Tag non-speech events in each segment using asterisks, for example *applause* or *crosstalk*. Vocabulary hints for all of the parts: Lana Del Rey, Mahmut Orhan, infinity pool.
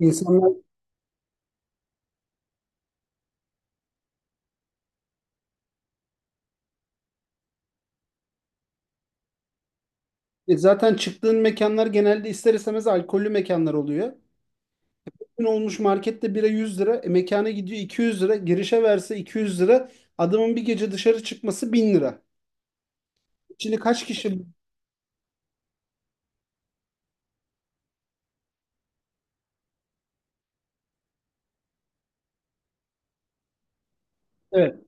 İnsanlar Zaten çıktığın mekanlar genelde ister istemez alkollü mekanlar oluyor. Bugün olmuş markette bira 100 lira, mekana gidiyor 200 lira, girişe verse 200 lira, adamın bir gece dışarı çıkması 1000 lira. Şimdi kaç kişi? Evet,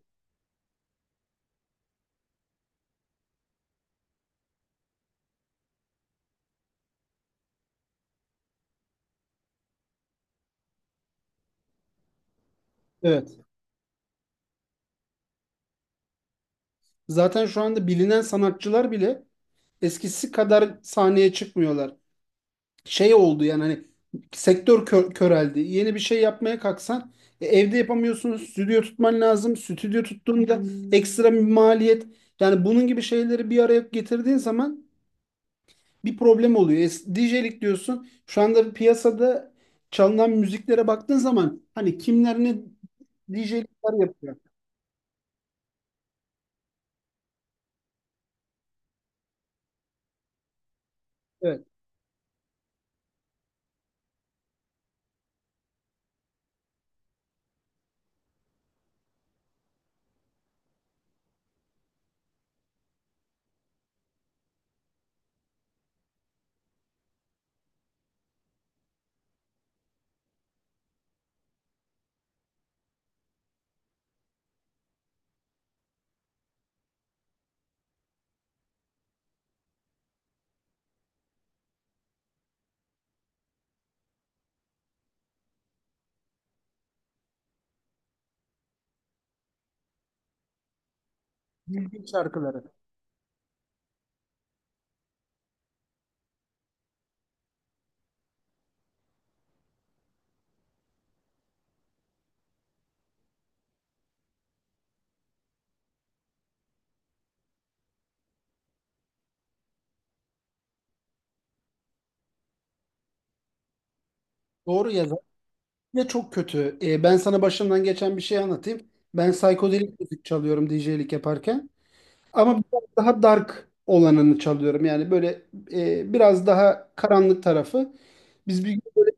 evet. Zaten şu anda bilinen sanatçılar bile eskisi kadar sahneye çıkmıyorlar. Şey oldu yani, hani sektör köreldi. Yeni bir şey yapmaya kalksan evde yapamıyorsun. Stüdyo tutman lazım. Stüdyo tuttuğunda ekstra bir maliyet. Yani bunun gibi şeyleri bir araya getirdiğin zaman bir problem oluyor. DJ'lik diyorsun. Şu anda piyasada çalınan müziklere baktığın zaman hani kimler ne DJ'likler yapıyor. Evet. Bildiğin şarkıları. Doğru yazar. Ya çok kötü. Ben sana başımdan geçen bir şey anlatayım. Ben psikodelik müzik çalıyorum DJ'lik yaparken. Ama biraz daha dark olanını çalıyorum. Yani böyle biraz daha karanlık tarafı. Biz bir gün böyle,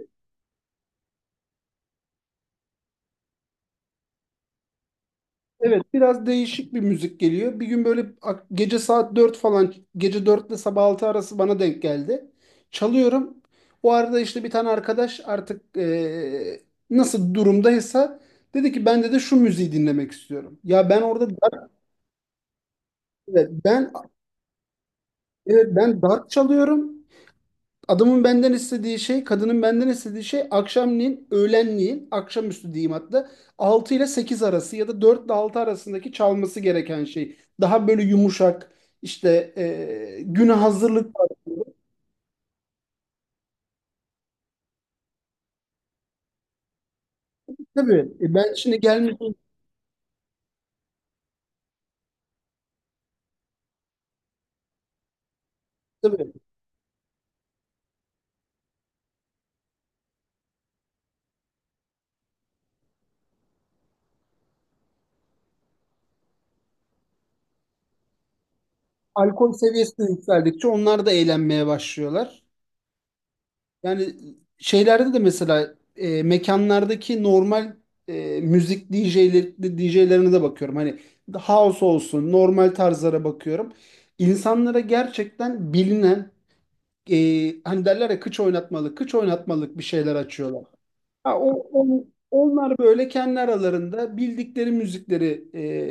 evet, biraz değişik bir müzik geliyor. Bir gün böyle gece saat 4 falan, gece 4 ile sabah 6 arası bana denk geldi. Çalıyorum. O arada işte bir tane arkadaş artık, nasıl durumdaysa, dedi ki ben de şu müziği dinlemek istiyorum. Ya ben orada dark, evet, ben, evet, ben dark çalıyorum. Adamın benden istediği şey, kadının benden istediği şey akşamleyin, öğlenleyin, akşamüstü diyeyim hatta, 6 ile 8 arası ya da 4 ile 6 arasındaki çalması gereken şey. Daha böyle yumuşak, işte güne hazırlık var. Tabii, ben şimdi gelmediğim, tabii alkol seviyesi de yükseldikçe onlar da eğlenmeye başlıyorlar. Yani şeylerde de mesela mekanlardaki normal müzik DJ'leri, DJ'lerine de bakıyorum. Hani house olsun, normal tarzlara bakıyorum. İnsanlara gerçekten bilinen, e, hani derler ya, kıç oynatmalık, kıç oynatmalık bir şeyler açıyorlar. Ha, onlar böyle kendi aralarında bildikleri müzikleri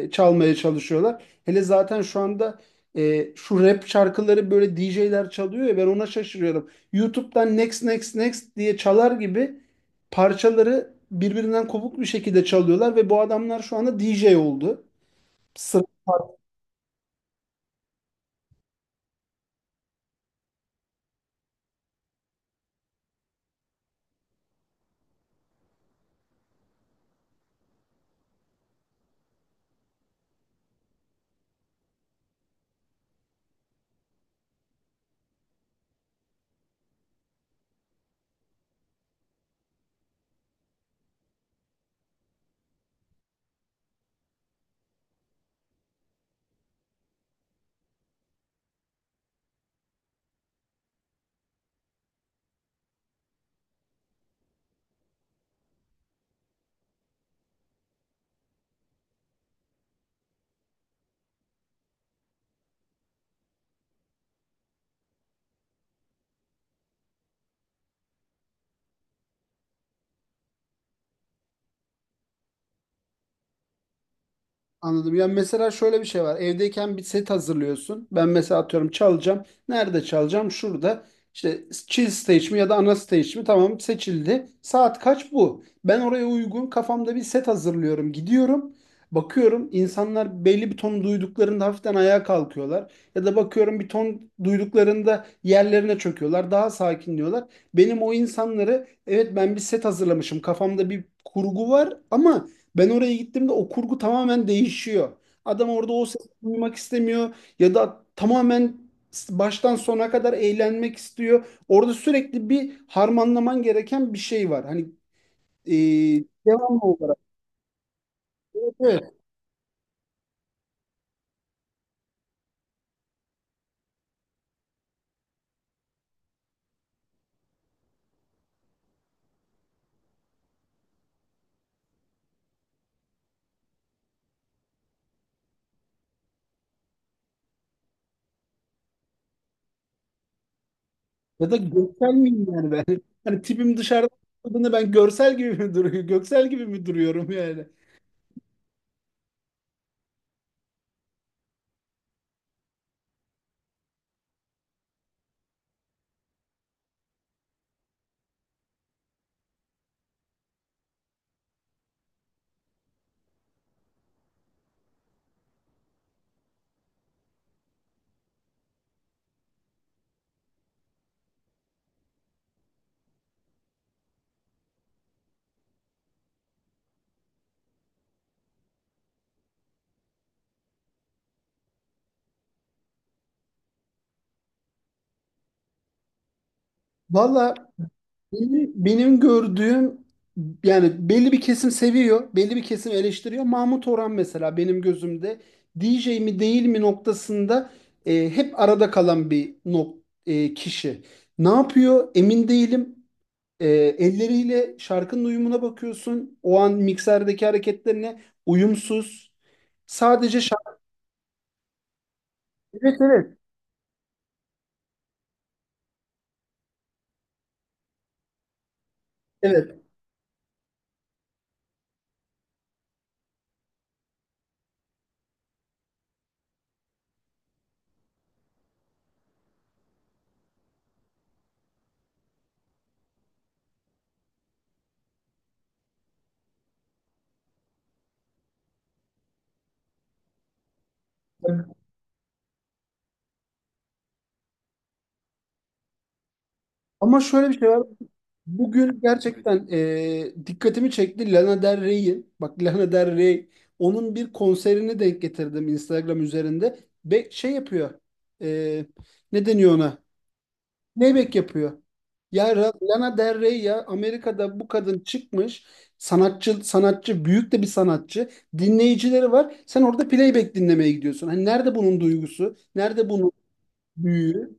çalmaya çalışıyorlar. Hele zaten şu anda şu rap şarkıları böyle DJ'ler çalıyor ya, ben ona şaşırıyorum. YouTube'dan next next next diye çalar gibi parçaları birbirinden kopuk bir şekilde çalıyorlar ve bu adamlar şu anda DJ oldu. Anladım. Ya mesela şöyle bir şey var. Evdeyken bir set hazırlıyorsun. Ben mesela atıyorum çalacağım. Nerede çalacağım? Şurada. İşte chill stage mi ya da ana stage mi? Tamam, seçildi. Saat kaç bu? Ben oraya uygun kafamda bir set hazırlıyorum. Gidiyorum. Bakıyorum insanlar belli bir ton duyduklarında hafiften ayağa kalkıyorlar. Ya da bakıyorum bir ton duyduklarında yerlerine çöküyorlar. Daha sakinliyorlar. Benim o insanları, evet, ben bir set hazırlamışım. Kafamda bir kurgu var ama ben oraya gittiğimde o kurgu tamamen değişiyor. Adam orada o sesi duymak istemiyor ya da tamamen baştan sona kadar eğlenmek istiyor. Orada sürekli bir harmanlaman gereken bir şey var. Hani e, devamlı olarak. Evet, evet. Ya da göksel miyim yani ben? *laughs* Hani tipim dışarıda olduğunda ben görsel gibi mi duruyor? Göksel gibi mi duruyorum yani? Valla, benim gördüğüm, yani belli bir kesim seviyor, belli bir kesim eleştiriyor. Mahmut Orhan mesela benim gözümde DJ mi değil mi noktasında hep arada kalan bir kişi. Ne yapıyor? Emin değilim. E, Elleriyle şarkının uyumuna bakıyorsun. O an mikserdeki hareketlerine uyumsuz. Sadece şarkı. Evet, evet. Evet. Ama şöyle bir şey var. Bugün gerçekten dikkatimi çekti Lana Del Rey'in. Bak, Lana Del Rey, onun bir konserini denk getirdim Instagram üzerinde. Ve şey yapıyor. E, Ne deniyor ona? Playback yapıyor. Lana Del Rey, ya Amerika'da bu kadın çıkmış. Sanatçı, sanatçı, büyük de bir sanatçı. Dinleyicileri var. Sen orada playback dinlemeye gidiyorsun. Hani nerede bunun duygusu? Nerede bunun büyüğü?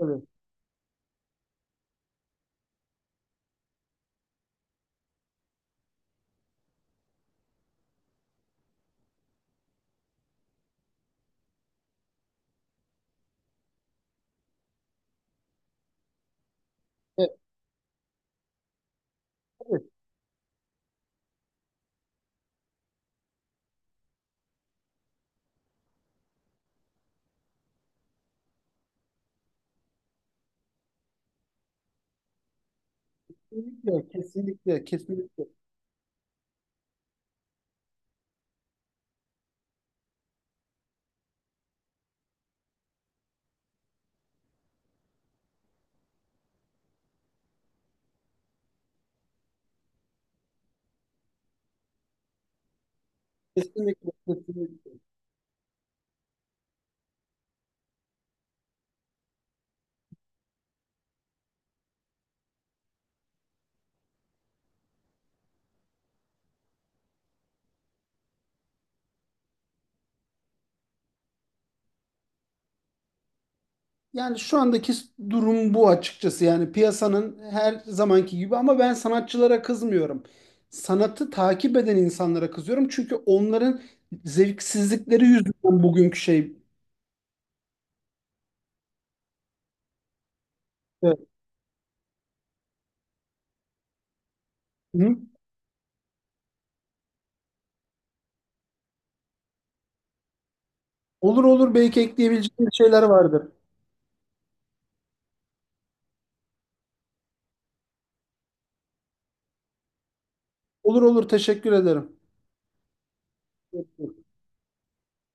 Evet. Evet. Evet. Kesinlikle, kesinlikle, kesinlikle. Kesinlikle, kesinlikle. Yani şu andaki durum bu açıkçası. Yani piyasanın her zamanki gibi, ama ben sanatçılara kızmıyorum. Sanatı takip eden insanlara kızıyorum. Çünkü onların zevksizlikleri yüzünden bugünkü şey. Evet. Hı? Olur olur, belki ekleyebileceğim şeyler vardır. Olur olur, teşekkür ederim.